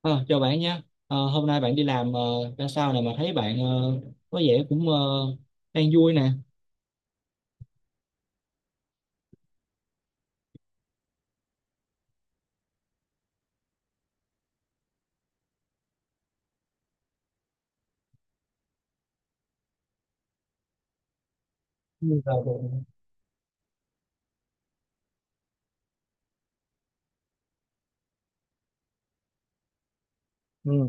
Ờ, Chào bạn nha. Ờ, Hôm nay bạn đi làm ra sao nè mà thấy bạn có vẻ cũng đang vui nè. Ừ, dạ vâng. Ừ.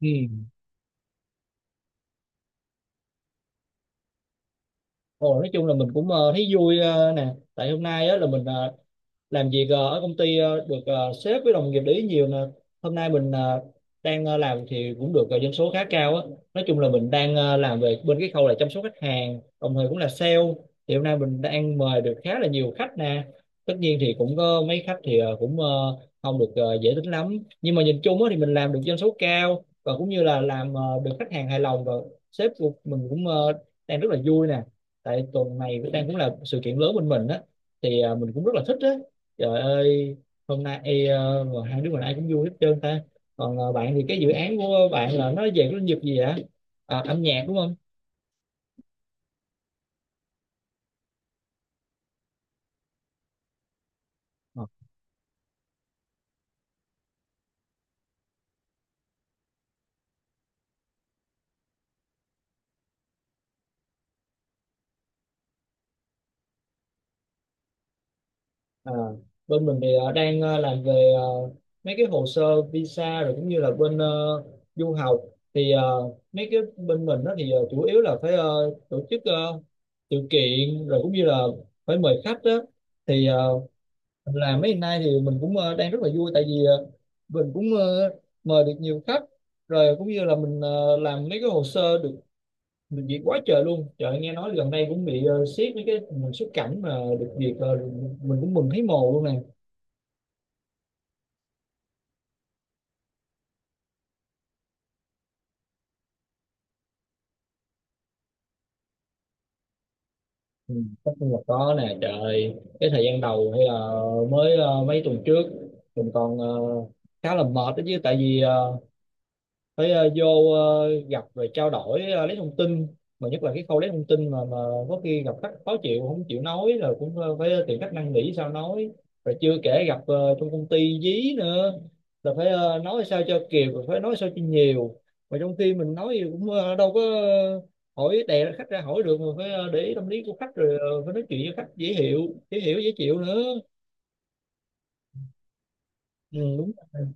Ừ. Ồ, nói chung là mình cũng thấy vui nè. Tại hôm nay á, là mình làm việc ở công ty được sếp với đồng nghiệp để ý nhiều nè. Hôm nay mình đang làm thì cũng được doanh số khá cao á. Nói chung là mình đang làm về bên cái khâu là chăm sóc khách hàng, đồng thời cũng là sale. Thì hôm nay mình đang mời được khá là nhiều khách nè. Tất nhiên thì cũng có mấy khách thì cũng không được dễ tính lắm, nhưng mà nhìn chung á, thì mình làm được doanh số cao và cũng như là làm được khách hàng hài lòng. Và sếp của mình cũng đang rất là vui nè. Tại tuần này cũng đang cũng là sự kiện lớn bên mình á, thì à, mình cũng rất là thích á. Trời ơi, hôm nay ê, mà hai đứa mình ai cũng vui hết trơn ta. Còn bạn thì cái dự án của bạn là nó về cái lĩnh vực gì ạ? À, âm nhạc đúng không? Ờ, à, bên mình thì đang làm về mấy cái hồ sơ visa, rồi cũng như là bên du học. Thì mấy cái bên mình đó thì chủ yếu là phải tổ chức sự kiện, rồi cũng như là phải mời khách đó. Thì là mấy ngày nay thì mình cũng đang rất là vui, tại vì mình cũng mời được nhiều khách, rồi cũng như là mình làm mấy cái hồ sơ được được duyệt quá trời luôn. Trời, nghe nói gần đây cũng bị siết mấy cái mình xuất cảnh, mà được duyệt mình cũng mừng thấy mồ luôn nè. Ừ, tất nhiên là có nè trời. Cái thời gian đầu hay là mới mấy tuần trước mình còn khá là mệt đó chứ. Tại vì phải vô gặp rồi trao đổi lấy thông tin. Mà nhất là cái khâu lấy thông tin mà có khi gặp khách khó chịu không chịu nói, rồi cũng phải tìm cách năn nỉ sao nói. Rồi chưa kể gặp trong công ty dí nữa, là phải nói sao cho kịp, rồi phải nói sao cho nhiều, mà trong khi mình nói thì cũng đâu có hỏi đè khách ra hỏi được, mà phải để ý tâm lý của khách, rồi phải nói chuyện với khách dễ hiểu, dễ chịu nữa. Ừ, đúng.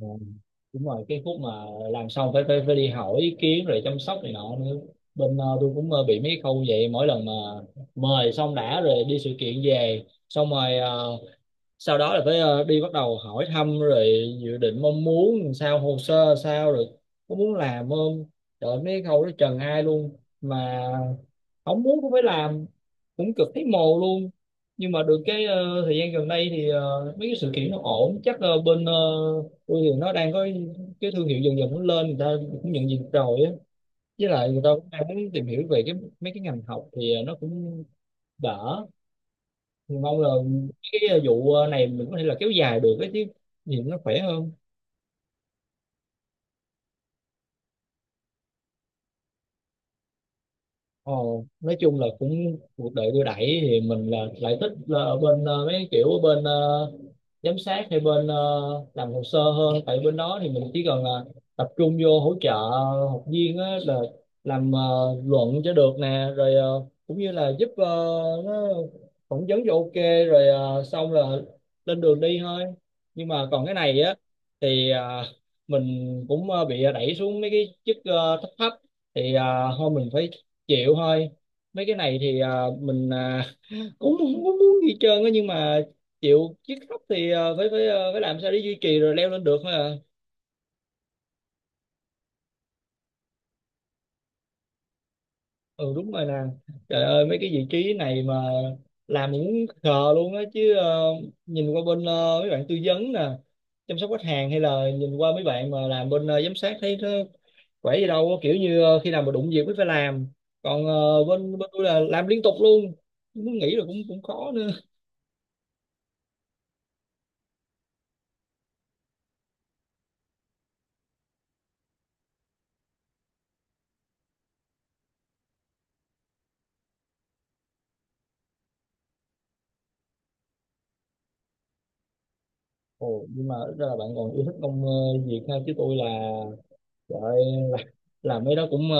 Ờ, đúng rồi, cái khúc mà làm xong phải phải phải đi hỏi ý kiến rồi chăm sóc này nọ nữa. Bên tôi cũng bị mấy khâu vậy. Mỗi lần mà mời xong đã rồi đi sự kiện về xong rồi, sau đó là phải đi bắt đầu hỏi thăm rồi dự định mong muốn sao, hồ sơ sao, rồi có muốn làm không. Trời, mấy cái khâu đó trần ai luôn, mà không muốn cũng phải làm, cũng cực thấy mồ luôn. Nhưng mà được cái thời gian gần đây thì mấy cái sự kiện nó ổn, chắc bên tôi thì nó đang có cái thương hiệu dần dần nó lên, người ta cũng nhận diện rồi á. Với lại người ta cũng đang muốn tìm hiểu về cái mấy cái ngành học, thì nó cũng đỡ. Thì mong là cái vụ này mình có thể là kéo dài được, cái chứ nhìn nó khỏe hơn. Ồ, nói chung là cũng cuộc đời đưa đẩy. Thì mình là lại thích là ở bên mấy kiểu, ở bên giám sát hay bên làm hồ sơ hơn. Tại bên đó thì mình chỉ cần là tập trung vô hỗ trợ học viên á, là làm luận cho được nè, rồi cũng như là giúp nó phỏng vấn cho ok, rồi xong là lên đường đi thôi. Nhưng mà còn cái này á, thì mình cũng bị đẩy xuống mấy cái chức thấp thấp. Thì à, thôi mình phải chịu thôi. Mấy cái này thì à, mình à, cũng không có muốn gì hết trơn á, nhưng mà chịu chiếc khóc thì à, phải phải à, phải làm sao để duy trì rồi leo lên được thôi à. Ừ, đúng rồi nè. Trời ơi, mấy cái vị trí này mà làm mình cũng khờ luôn á, chứ nhìn qua bên mấy bạn tư vấn nè, chăm sóc khách hàng, hay là nhìn qua mấy bạn mà làm bên giám sát, thấy nó khỏe gì đâu á. Kiểu như khi nào mà đụng việc mới phải làm. Còn bên bên tôi là làm liên tục luôn, muốn nghỉ là cũng cũng khó nữa. Ồ, nhưng mà ít ra là bạn còn yêu thích công việc ha. Chứ tôi là rồi ơi, làm, làm mấy đó cũng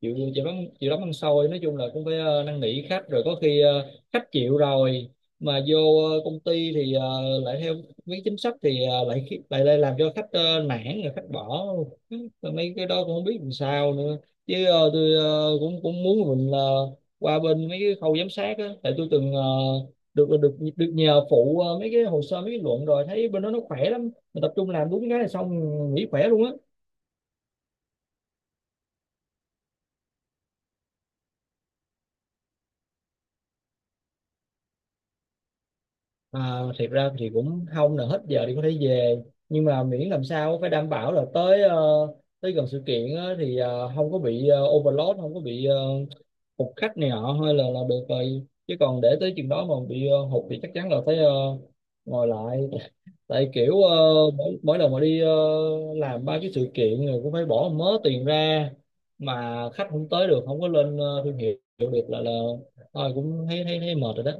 chịu chịu lắm, chịu lắm ăn xôi. Nói chung là cũng phải năn nỉ khách, rồi có khi khách chịu rồi mà vô công ty thì lại theo mấy chính sách, thì lại khi- lại lại làm cho khách nản, rồi khách bỏ. Rồi mấy cái đó cũng không biết làm sao nữa. Chứ tôi cũng cũng muốn mình qua bên mấy cái khâu giám sát á. Tại tôi từng được được được nhờ phụ mấy cái hồ sơ, mấy cái luận, rồi thấy bên đó nó khỏe lắm, mình tập trung làm đúng cái là xong, nghỉ khỏe luôn á. À, thiệt ra thì cũng không, là hết giờ thì có thể về. Nhưng mà miễn làm sao phải đảm bảo là tới tới gần sự kiện á, thì không có bị overload, không có bị uh, hụt khách này nọ, hay là được rồi. Chứ còn để tới chừng đó mà bị hụt thì chắc chắn là phải ngồi lại. Tại kiểu mỗi lần mà đi làm ba cái sự kiện rồi cũng phải bỏ mớ tiền ra, mà khách không tới được, không có lên thương hiệu được là thôi, cũng thấy thấy thấy mệt rồi đó.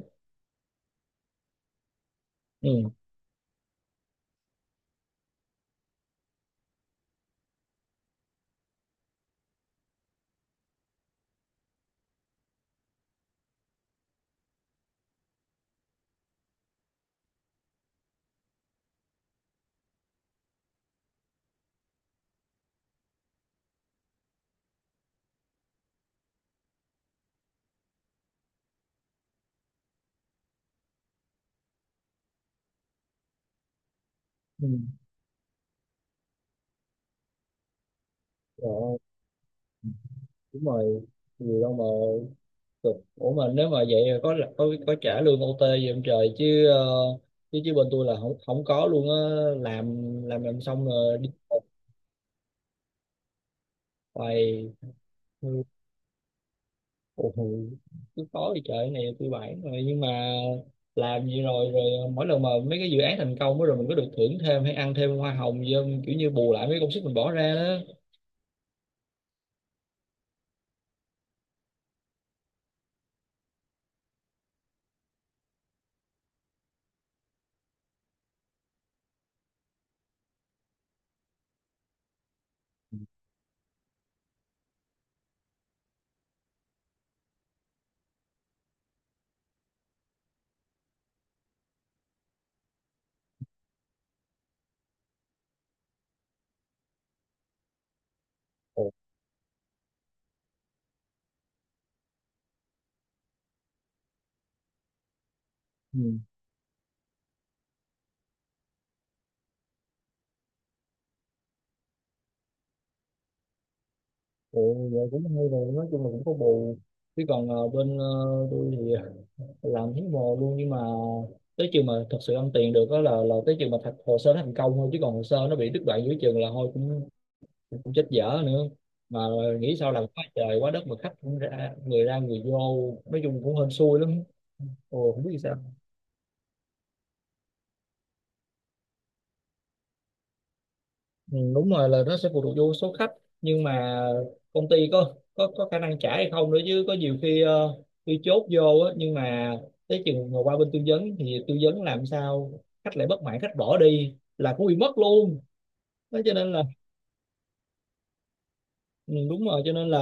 Ừ. Ừ. Rồi. Đúng rồi, nhiều đâu mà cực. Ủa, mà nếu mà vậy là có trả lương ô tê gì không trời, chứ chứ chứ bên tôi là không không có luôn á. làm làm xong rồi đi bài. Ủa ừ, cứ khó thì trời, cái này tôi bản rồi. Nhưng mà làm gì rồi rồi mỗi lần mà mấy cái dự án thành công á, rồi mình có được thưởng thêm hay ăn thêm hoa hồng gì không, kiểu như bù lại mấy công sức mình bỏ ra đó? Ồ, ừ. Ồ, vậy cũng hay rồi, nói chung là cũng có bù. Chứ còn bên tôi thì làm thấy mồ luôn. Nhưng mà tới trường mà thật sự ăn tiền được đó là tới trường mà thật hồ sơ nó thành công thôi. Chứ còn hồ sơ nó bị đứt đoạn giữa trường là thôi, cũng cũng chết dở nữa. Mà nghĩ sao làm quá trời quá đất mà khách cũng ra, người ra người vô, nói chung cũng hên xui lắm. Ồ, không biết vì sao. Ừ, đúng rồi, là nó sẽ phụ thuộc vô số khách, nhưng mà công ty có khả năng trả hay không nữa. Chứ có nhiều khi khi chốt vô á, nhưng mà tới chừng mà qua bên tư vấn thì tư vấn làm sao khách lại bất mãn, khách bỏ đi là cũng bị mất luôn. Đó cho nên là ừ, đúng rồi, cho nên là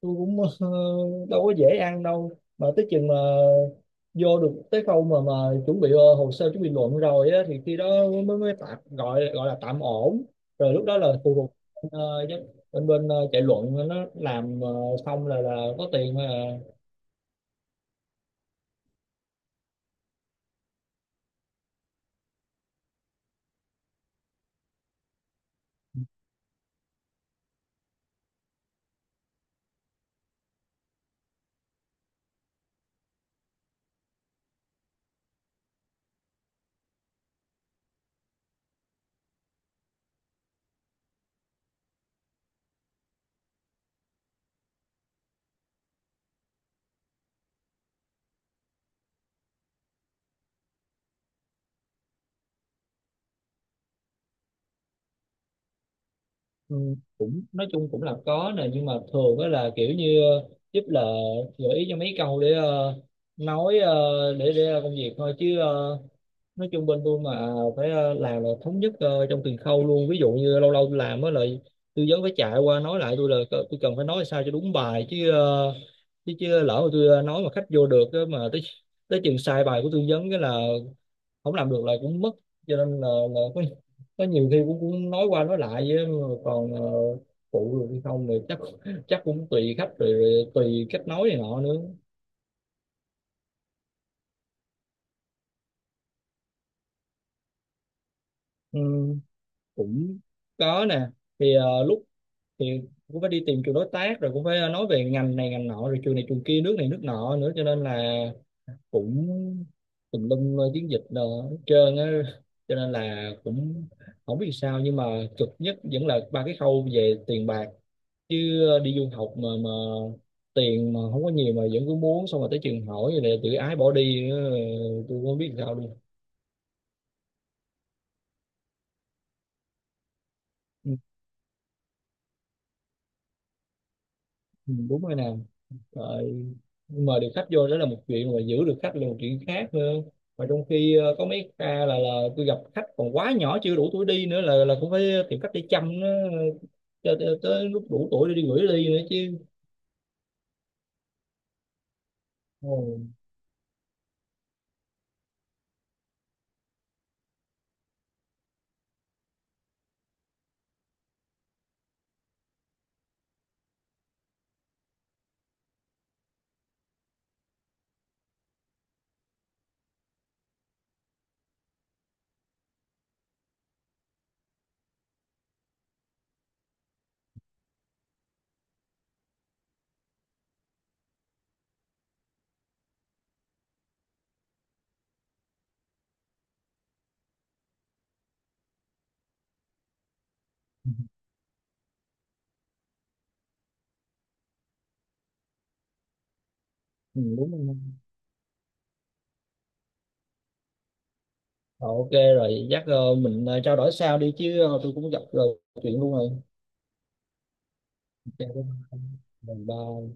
tôi cũng đâu có dễ ăn đâu. Mà tới chừng mà vô được tới khâu mà chuẩn bị hồ sơ, chuẩn bị luận rồi á, thì khi đó mới mới tạm gọi gọi là tạm ổn. Rồi lúc đó là phụ thuộc ờ, giám- bên bên chạy luận, nó làm xong là có tiền thôi à. Ừ, cũng nói chung cũng là có nè. Nhưng mà thường đó là kiểu như giúp là gợi ý cho mấy câu để nói để công việc thôi. Chứ nói chung bên tôi mà phải làm là thống nhất trong từng khâu luôn. Ví dụ như lâu lâu tôi làm á, lại tư vấn phải chạy qua nói lại tôi là tôi cần phải nói sao cho đúng bài. Chứ chứ lỡ mà tôi nói mà khách vô được á, mà tới tới chừng sai bài của tư vấn cái là không làm được là cũng mất. Cho nên là có nhiều khi cũng nói qua nói lại với mà. Còn phụ được hay không thì chắc chắc cũng tùy khách, rồi rồi tùy cách nói này nọ nữa. Ừ, cũng có nè. Thì lúc thì cũng phải đi tìm trường đối tác, rồi cũng phải nói về ngành này ngành nọ, rồi trường này trường kia, nước này nước nọ nữa, cho nên là cũng tùm lum chiến dịch đồ hết trơn á. Cho nên là cũng không biết sao, nhưng mà cực nhất vẫn là ba cái khâu về tiền bạc. Chứ đi du học mà tiền mà không có nhiều mà vẫn cứ muốn, xong rồi tới trường hỏi rồi lại tự ái bỏ đi, tôi không biết sao luôn. Ừ, ừ, đúng rồi nè. Rồi mời được khách vô đó là một chuyện, mà giữ được khách là một chuyện khác nữa. Mà trong khi có mấy ca là tôi gặp khách còn quá nhỏ, chưa đủ tuổi đi nữa là cũng phải tìm cách để chăm nó cho tới, lúc đủ tuổi để đi gửi đi nữa chứ. Ồ, ừ, đúng rồi. Ờ, ok, rồi chắc mình trao đổi sau đi. Chứ tôi cũng gặp chuyện luôn rồi. Ok, bye.